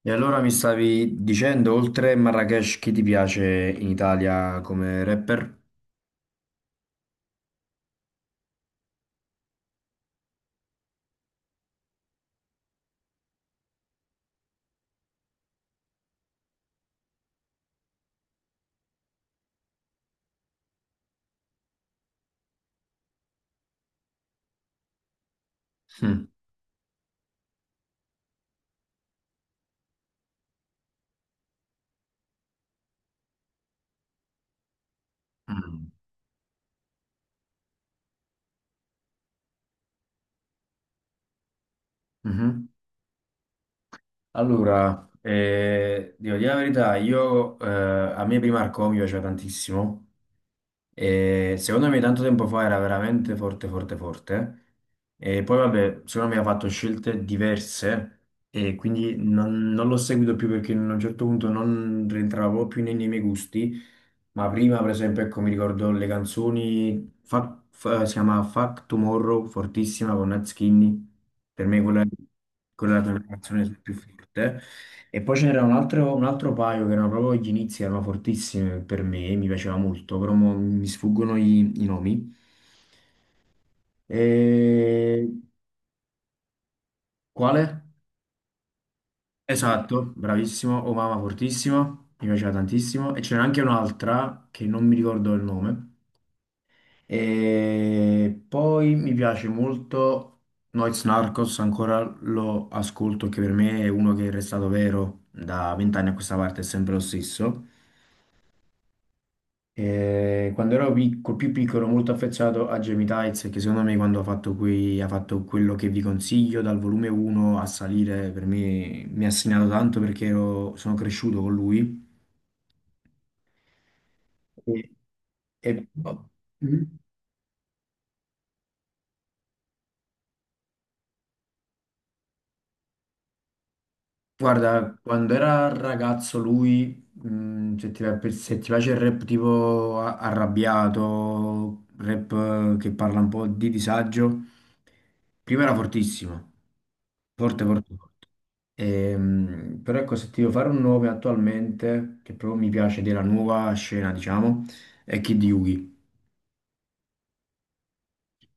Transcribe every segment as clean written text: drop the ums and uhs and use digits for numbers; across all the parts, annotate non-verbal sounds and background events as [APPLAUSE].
E allora mi stavi dicendo, oltre Marrakesh, chi ti piace in Italia come rapper? Mm. Mm. Mhm. Allora, devo dire la verità, io, a me Primarco mi piaceva tantissimo. E secondo me tanto tempo fa era veramente forte, forte, forte. E poi vabbè, secondo me ha fatto scelte diverse e quindi non l'ho seguito più perché a un certo punto non rientravo più nei miei gusti. Ma prima, per esempio, ecco, mi ricordo le canzoni, si chiama Fuck Tomorrow, fortissima con Nat Skinny. Per me quella è la canzone più forte. E poi ce n'era un altro paio che erano proprio gli inizi, erano fortissime per me, mi piaceva molto, però mo mi sfuggono i nomi. E... Quale? Esatto, bravissimo, Oh Mama fortissimo, mi piaceva tantissimo. E c'era anche un'altra che non mi ricordo il nome. E poi mi piace molto Noiz Narcos, ancora lo ascolto, che per me è uno che è restato vero da vent'anni a questa parte, è sempre lo stesso. Quando ero più piccolo, molto affezionato a Jamie Tights, che secondo me quando ha ha fatto quello che vi consiglio, dal volume 1 a salire, per me mi ha segnato tanto perché sono cresciuto con lui. E, e- Mhm. Guarda, quando era ragazzo lui, se se ti piace il rap tipo arrabbiato, rap che parla un po' di disagio, prima era fortissimo, forte, forte. Però ecco, se ti devo fare un nome attualmente, che proprio mi piace della nuova scena, diciamo, è Kid Yugi.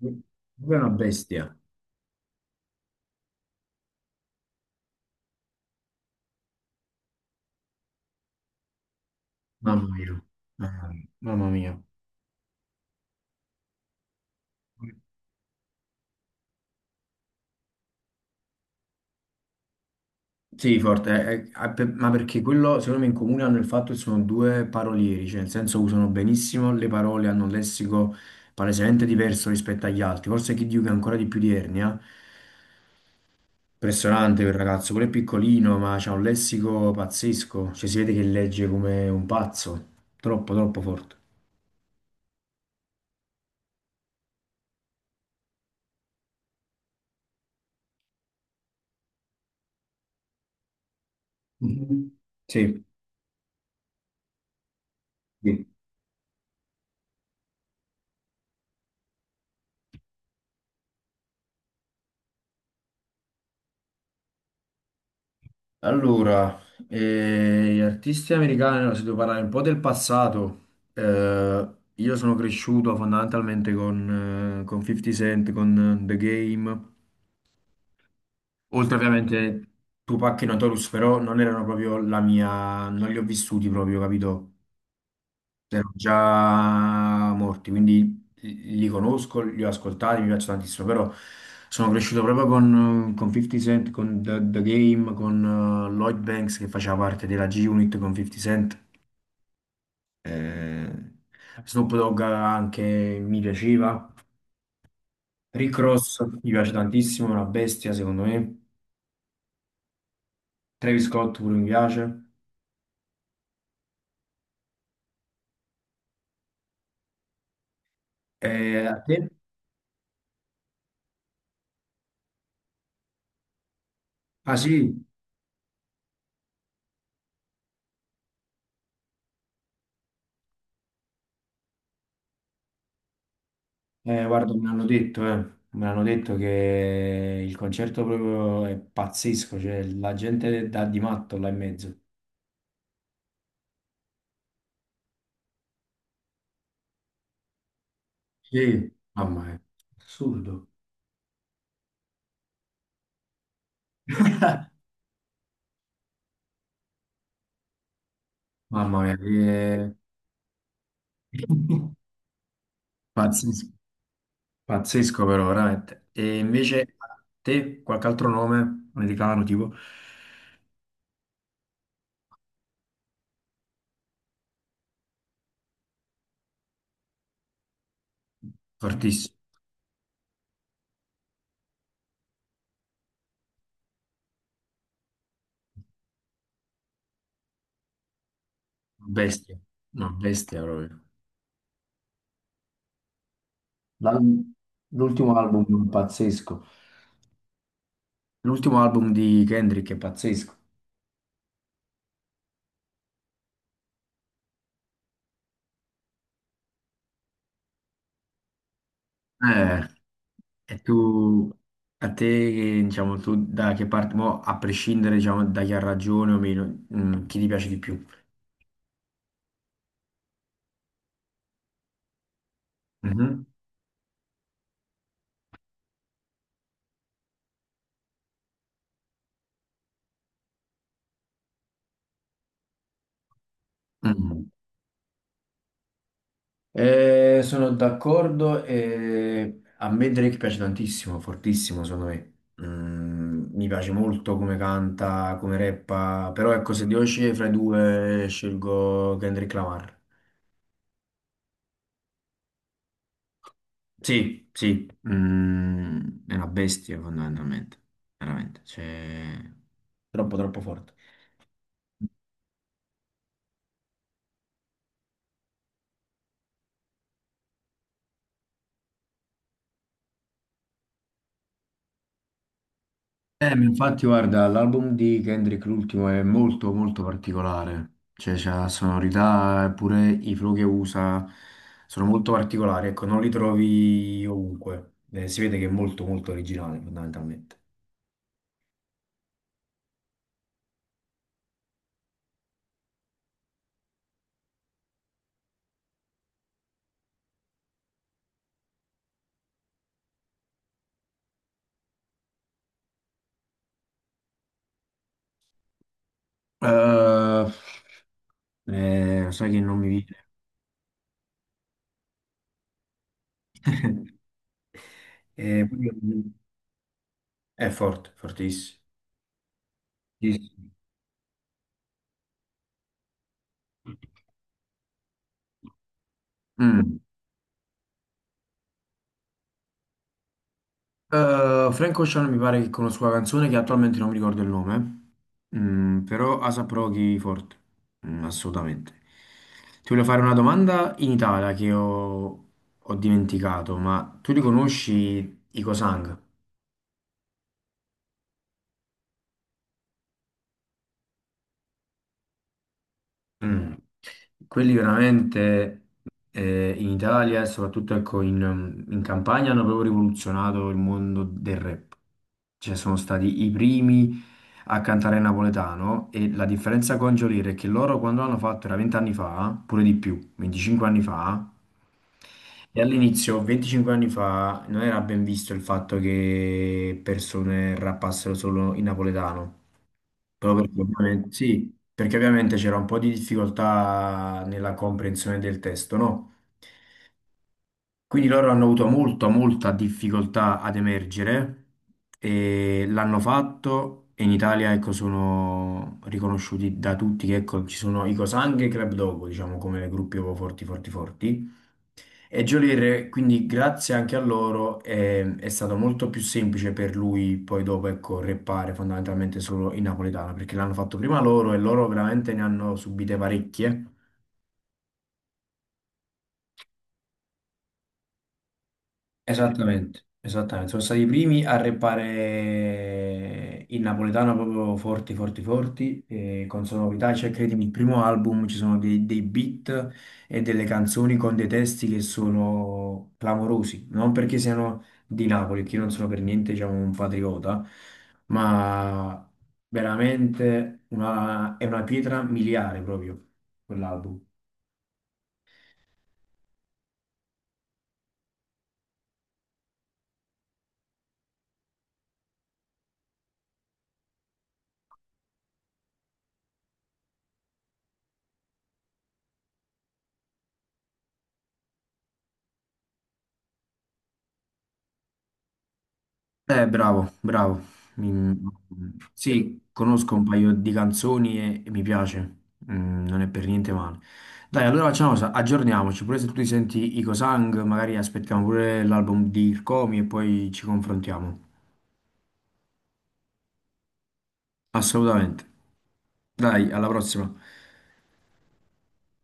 Lui è una bestia, mamma mia, mamma mia. Mamma mia. Sì, forte, ma perché quello secondo me in comune hanno il fatto che sono due parolieri, cioè nel senso usano benissimo le parole, hanno un lessico palesemente diverso rispetto agli altri, forse Kid Yugi ha ancora di più di Ernia. Impressionante quel ragazzo, pure piccolino, ma c'ha un lessico pazzesco, cioè si vede che legge come un pazzo, troppo troppo forte. Mhm. Sì, sì. Allora, gli artisti americani, allora, se devo parlare un po' del passato, eh, io sono cresciuto fondamentalmente con con 50 Cent, con The Game, oltre ovviamente Tupac e Notorious, però non erano proprio la mia, non li ho vissuti proprio, capito? Erano già morti, quindi li conosco, li ho ascoltati, mi piacciono tantissimo, però sono cresciuto proprio con con 50 Cent, con The Game, con Lloyd Banks che faceva parte della G-Unit con 50 Cent, eh, Snoop Dogg anche mi piaceva, Rick Ross mi piace tantissimo, è una bestia secondo me, Travis Scott pure mi piace. A te? Ah sì? Guarda, me l'hanno detto, eh. Me l'hanno detto che il concerto proprio è pazzesco, cioè la gente dà di matto là in mezzo. Sì, mamma mia, assurdo. [LAUGHS] Mamma mia, che... [LAUGHS] Pazzesco, pazzesco però, veramente. E invece te, qualche altro nome americano, tipo, fortissimo, bestia, una bestia proprio. L'al- L'ultimo album pazzesco. L'ultimo album di Kendrick è pazzesco. Eh, e tu, a te, che, diciamo, tu da che parte, mo, a prescindere, diciamo, da chi ha ragione o meno, chi ti piace di più? Mhm. Mm. Sono d'accordo e a me Drake piace tantissimo, fortissimo secondo me. Mm, mi piace molto come canta, come rappa, però ecco, se devo scegliere fra i due, scelgo Kendrick Lamar. Sì, sì, è una bestia fondamentalmente, veramente. Cioè... Troppo, troppo forte. Ma infatti, guarda, l'album di Kendrick, l'ultimo, è molto, molto particolare. Cioè, c'ha sonorità, e pure i flow che usa sono molto particolari. Ecco, non li trovi ovunque. Si vede che è molto, molto originale, fondamentalmente. Eh, Sai che non mi viene. [LAUGHS] Eh, poi- è forte, fortissimo. Sì, sì. Mm. Frank Ocean mi pare che conosco la canzone che attualmente non mi ricordo il nome. Mm, però ASAP Rocky forte. Mm, assolutamente. Ti voglio fare una domanda in Italia che ho dimenticato, ma tu li conosci i Cosang? Mm. Quelli veramente in Italia e soprattutto ecco, in Campania hanno proprio rivoluzionato il mondo del rap. Cioè sono stati i primi a cantare napoletano e la differenza con Geolier è che loro quando l'hanno fatto era 20 anni fa, pure di più, 25 anni fa, e all'inizio, 25 anni fa, non era ben visto il fatto che persone rappassero solo in napoletano. Proprio perché ovviamente, sì, perché ovviamente c'era un po' di difficoltà nella comprensione del testo, no? Quindi loro hanno avuto molta, molta difficoltà ad emergere e l'hanno fatto e in Italia, ecco, sono riconosciuti da tutti che, ecco, ci sono i Co'Sang e i Club Dogo, diciamo, come gruppi proprio forti, forti, forti. E Geolier, quindi grazie anche a loro, è stato molto più semplice per lui poi dopo, ecco, reppare fondamentalmente solo in napoletano, perché l'hanno fatto prima loro e loro veramente ne hanno subite parecchie. Esattamente, esattamente. Sono stati i primi a rappare il napoletano proprio forti, forti, forti, e con sonorità, cioè credimi, il primo album ci sono dei beat e delle canzoni con dei testi che sono clamorosi, non perché siano di Napoli, che io non sono per niente, diciamo, un patriota, ma veramente è una pietra miliare proprio quell'album. Bravo, bravo. Mi- Sì, conosco un paio di canzoni e mi piace. Mm, non è per niente male. Dai, allora facciamo una cosa, aggiorniamoci. Pure se tu ti senti Ico Sang, magari aspettiamo pure l'album di Ircomi e poi ci confrontiamo. Assolutamente. Dai, alla prossima.